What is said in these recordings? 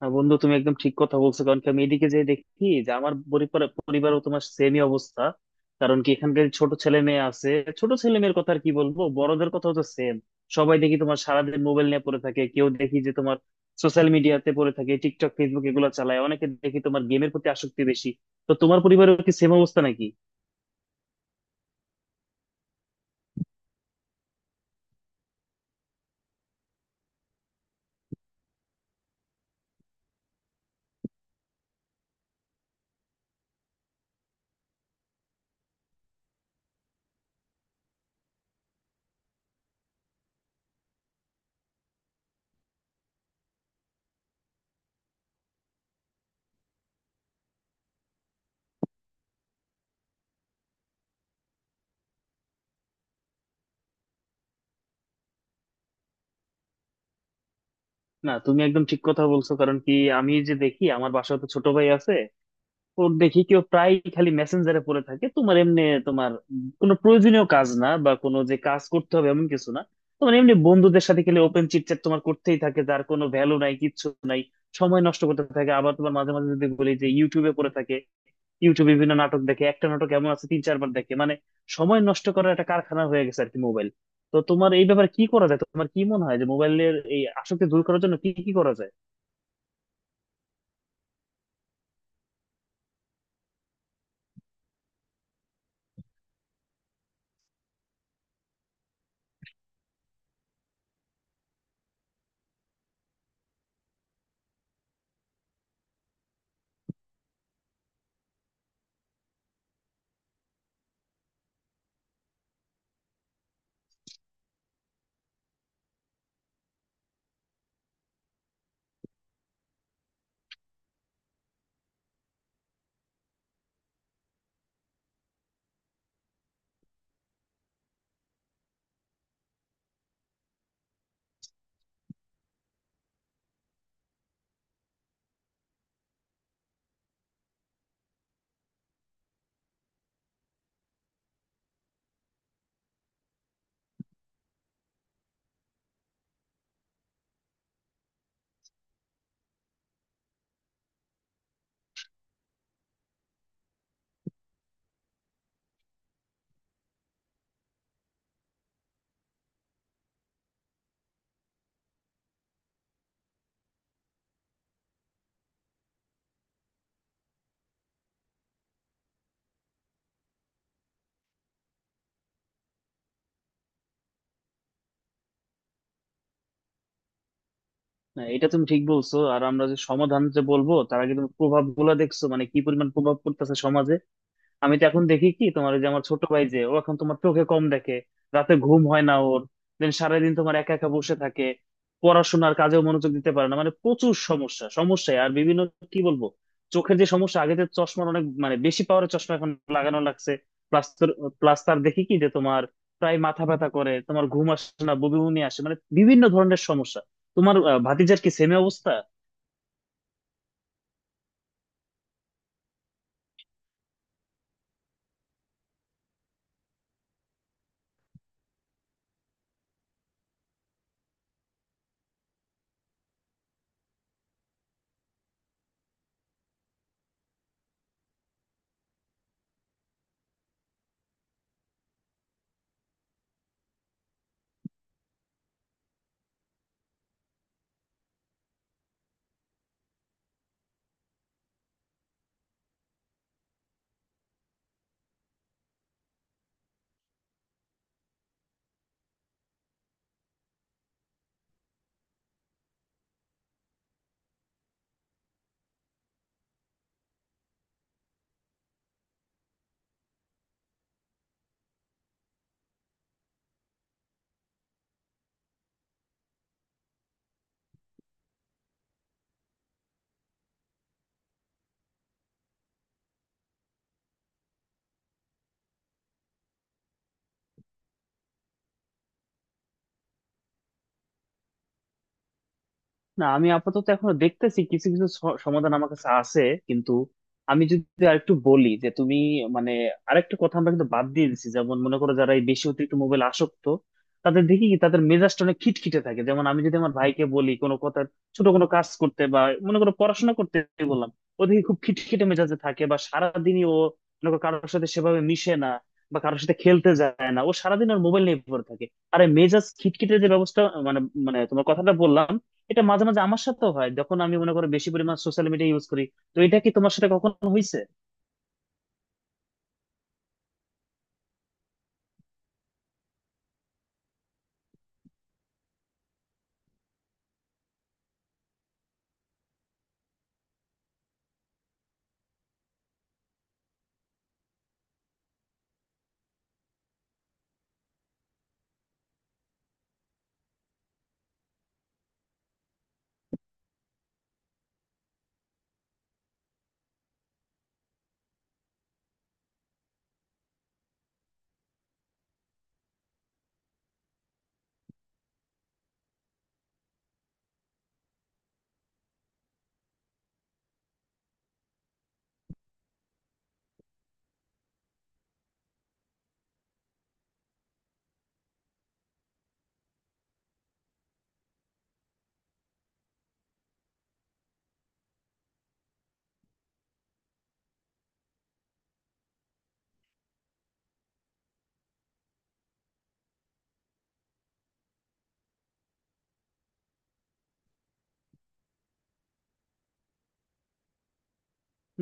না বন্ধু, তুমি একদম ঠিক কথা বলছো। কারণ কি, আমি এদিকে যে দেখি যে আমার পরিবারও তোমার সেমই অবস্থা। কারণ কি, এখানকার ছোট ছেলে মেয়ে আছে। ছোট ছেলে মেয়ের কথা আর কি বলবো, বড়দের কথাও তো সেম। সবাই দেখি তোমার সারাদিন মোবাইল নিয়ে পড়ে থাকে, কেউ দেখি যে তোমার সোশ্যাল মিডিয়াতে পড়ে থাকে, টিকটক ফেসবুক এগুলো চালায়, অনেকে দেখি তোমার গেমের প্রতি আসক্তি বেশি। তো তোমার পরিবারেও কি সেম অবস্থা নাকি? না, তুমি একদম ঠিক কথা বলছো। কারণ কি, আমি যে দেখি আমার বাসায় তো ছোট ভাই আছে। তো দেখি কেউ প্রায় খালি মেসেঞ্জারে পড়ে থাকে, তোমার এমনি, তোমার কোনো প্রয়োজনীয় কাজ না বা কোনো যে কাজ করতে হবে এমন কিছু না, তোমার এমনি বন্ধুদের সাথে খেলে ওপেন চিটচ্যাট তোমার করতেই থাকে, যার কোনো ভ্যালু নাই, কিচ্ছু নাই। সময় নষ্ট করতে থাকে। আবার তোমার মাঝে মাঝে যদি বলি, যে ইউটিউবে পড়ে থাকে, ইউটিউবে বিভিন্ন নাটক দেখে, একটা নাটক এমন আছে 3-4 বার দেখে, মানে সময় নষ্ট করার একটা কারখানা হয়ে গেছে আর কি মোবাইল। তো তোমার এই ব্যাপারে কি করা যায়? তোমার কি মনে হয় যে মোবাইলের এই আসক্তি দূর করার জন্য কি কি করা যায়? না, এটা তুমি ঠিক বলছো। আর আমরা যে সমাধান যে বলবো তার আগে তুমি প্রভাব গুলা দেখছো, মানে কি পরিমাণ প্রভাব পড়তেছে সমাজে। আমি তো এখন দেখি কি, তোমার ওই যে আমার ছোট ভাই যে ও, এখন তোমার চোখে কম দেখে, রাতে ঘুম হয় না ওর, দেন সারাদিন তোমার একা একা বসে থাকে, পড়াশোনার কাজেও মনোযোগ দিতে পারে না, মানে প্রচুর সমস্যা সমস্যায়। আর বিভিন্ন কি বলবো, চোখের যে সমস্যা, আগে তো চশমার অনেক মানে বেশি পাওয়ারের চশমা এখন লাগানো লাগছে। প্লাস প্লাস তার দেখি কি যে তোমার প্রায় মাথা ব্যথা করে, তোমার ঘুম আসে না, বমি বমি আসে, মানে বিভিন্ন ধরনের সমস্যা। তোমার ভাতিজার কি সেমই অবস্থা? না, আমি আপাতত এখনো দেখতেছি কিছু কিছু সমাধান আমার কাছে আছে। কিন্তু আমি যদি আরেকটু বলি যে তুমি, মানে আরেকটা কথা আমরা কিন্তু বাদ দিয়ে দিছি। যেমন মনে করো, যারা এই বেশি অতিরিক্ত মোবাইল আসক্ত, তাদের দেখি কি তাদের মেজাজটা অনেক খিটখিটে থাকে। যেমন আমি যদি আমার ভাইকে বলি কোনো কথা, ছোট কোনো কাজ করতে, বা মনে করো পড়াশোনা করতে বললাম, ও দেখি খুব খিটখিটে মেজাজে থাকে। বা সারাদিনই ও, মনে করো, কারোর সাথে সেভাবে মিশে না, বা কারোর সাথে খেলতে যায় না, ও সারাদিন ওর মোবাইল নিয়ে পড়ে থাকে। আরে মেজাজ খিটখিটে যে ব্যবস্থা, মানে, মানে তোমার কথাটা বললাম। এটা মাঝে মাঝে আমার সাথেও হয়, যখন আমি মনে করো বেশি পরিমাণ সোশ্যাল মিডিয়া ইউজ করি। তো এটা কি তোমার সাথে কখনো হয়েছে?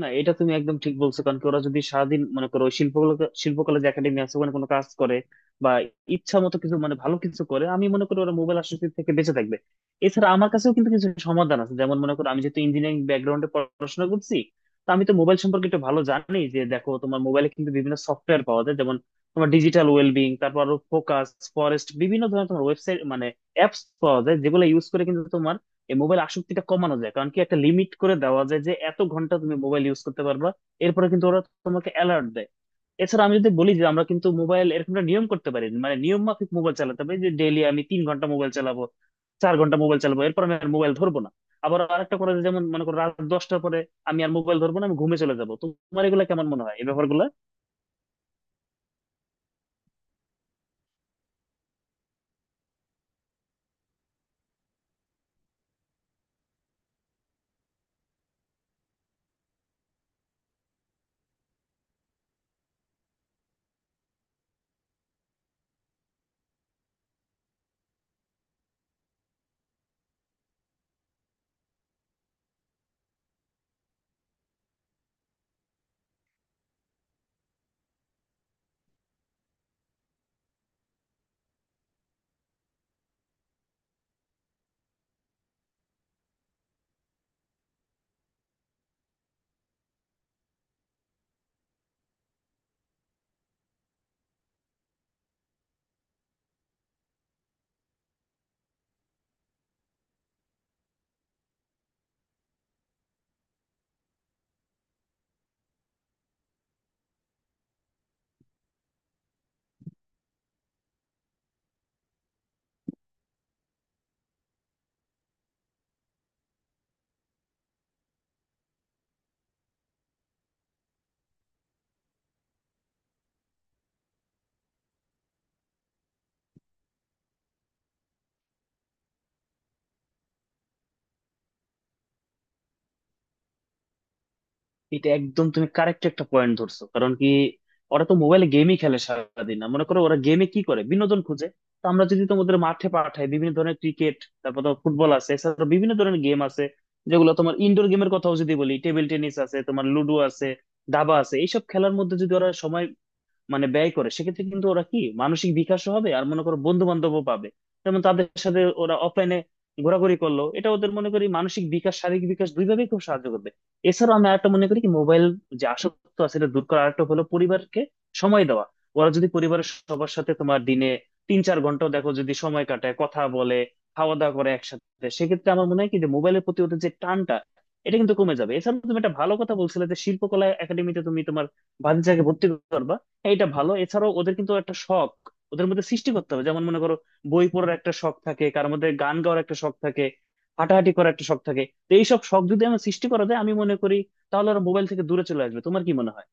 না, এটা তুমি একদম ঠিক বলছো। কারণ কি, ওরা যদি সারাদিন মনে করো ওই শিল্পকলা শিল্পকলা যে একাডেমি আছে ওখানে কোনো কাজ করে, বা ইচ্ছা মতো কিছু, মানে ভালো কিছু করে, আমি মনে করি ওরা মোবাইল আসক্তি থেকে বেঁচে থাকবে। এছাড়া আমার কাছেও কিন্তু কিছু সমাধান আছে। যেমন মনে করো, আমি যেহেতু ইঞ্জিনিয়ারিং ব্যাকগ্রাউন্ডে পড়াশোনা করছি, তো আমি তো মোবাইল সম্পর্কে একটু ভালো জানি। যে দেখো, তোমার মোবাইলে কিন্তু বিভিন্ন সফটওয়্যার পাওয়া যায়, যেমন তোমার ডিজিটাল ওয়েলবিং, তারপর আরো ফোকাস ফরেস্ট, বিভিন্ন ধরনের তোমার ওয়েবসাইট, মানে অ্যাপস পাওয়া যায়, যেগুলো ইউজ করে কিন্তু তোমার এই মোবাইল আসক্তিটা কমানো যায়। কারণ কি, একটা লিমিট করে দেওয়া যায় যে এত ঘন্টা তুমি মোবাইল ইউজ করতে পারবা, এরপরে কিন্তু ওরা তোমাকে অ্যালার্ট দেয়। এছাড়া আমি যদি বলি যে আমরা কিন্তু মোবাইল এরকম একটা নিয়ম করতে পারি, মানে নিয়ম মাফিক মোবাইল চালাতে পারি যে ডেইলি আমি 3 ঘন্টা মোবাইল চালাবো, 4 ঘন্টা মোবাইল চালাবো, এরপর আমি আর মোবাইল ধরবো না। আবার আরেকটা করা যায়, যেমন মনে করো রাত 10টার পরে আমি আর মোবাইল ধরবো না, আমি ঘুমে চলে যাবো। তোমার এগুলো কেমন মনে হয়, এই ব্যাপারগুলো? এটা একদম তুমি কারেক্ট একটা পয়েন্ট ধরছো। কারণ কি, ওরা তো মোবাইলে গেমই খেলে সারাদিন, না মনে করো ওরা গেমে কি করে বিনোদন খুঁজে। তো আমরা যদি তোমাদের মাঠে পাঠাই, বিভিন্ন ধরনের ক্রিকেট, তারপর তোমার ফুটবল আছে, এছাড়া বিভিন্ন ধরনের গেম আছে, যেগুলো তোমার ইনডোর গেমের কথাও যদি বলি, টেবিল টেনিস আছে, তোমার লুডো আছে, দাবা আছে, এইসব খেলার মধ্যে যদি ওরা সময়, মানে ব্যয় করে, সেক্ষেত্রে কিন্তু ওরা কি মানসিক বিকাশও হবে, আর মনে করো বন্ধু বান্ধবও পাবে। যেমন তাদের সাথে ওরা অফলাইনে ঘোরাঘুরি করলো, এটা ওদের মনে করি মানসিক বিকাশ শারীরিক বিকাশ দুইভাবেই খুব সাহায্য করবে। এছাড়াও আমি আরেকটা মনে করি কি, মোবাইল যে আসক্ত আছে এটা দূর করার আরেকটা হলো পরিবারকে সময় দেওয়া। ওরা যদি পরিবারের সবার সাথে তোমার দিনে 3-4 ঘন্টাও দেখো যদি সময় কাটায়, কথা বলে, খাওয়া দাওয়া করে একসাথে, সেক্ষেত্রে আমার মনে হয় কি যে মোবাইলের প্রতি ওদের যে টানটা এটা কিন্তু কমে যাবে। এছাড়া তুমি একটা ভালো কথা বলছিলে যে শিল্পকলা একাডেমিতে তুমি তোমার ভাতিজাকে ভর্তি করবা, এটা ভালো। এছাড়াও ওদের কিন্তু একটা শখ ওদের মধ্যে সৃষ্টি করতে হবে। যেমন মনে করো, বই পড়ার একটা শখ থাকে কার মধ্যে, গান গাওয়ার একটা শখ থাকে, হাঁটাহাঁটি করার একটা শখ থাকে। তো এইসব শখ যদি আমরা সৃষ্টি করা যায়, আমি মনে করি তাহলে ওরা মোবাইল থেকে দূরে চলে আসবে। তোমার কি মনে হয়?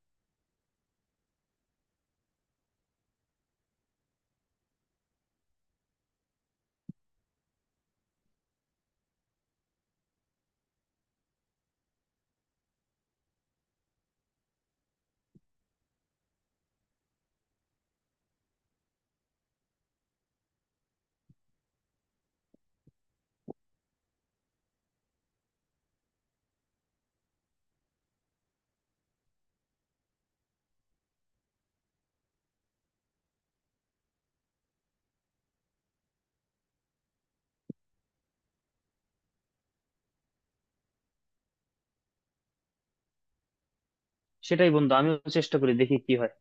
সেটাই বন্ধু, আমিও চেষ্টা করি, দেখি কি হয়।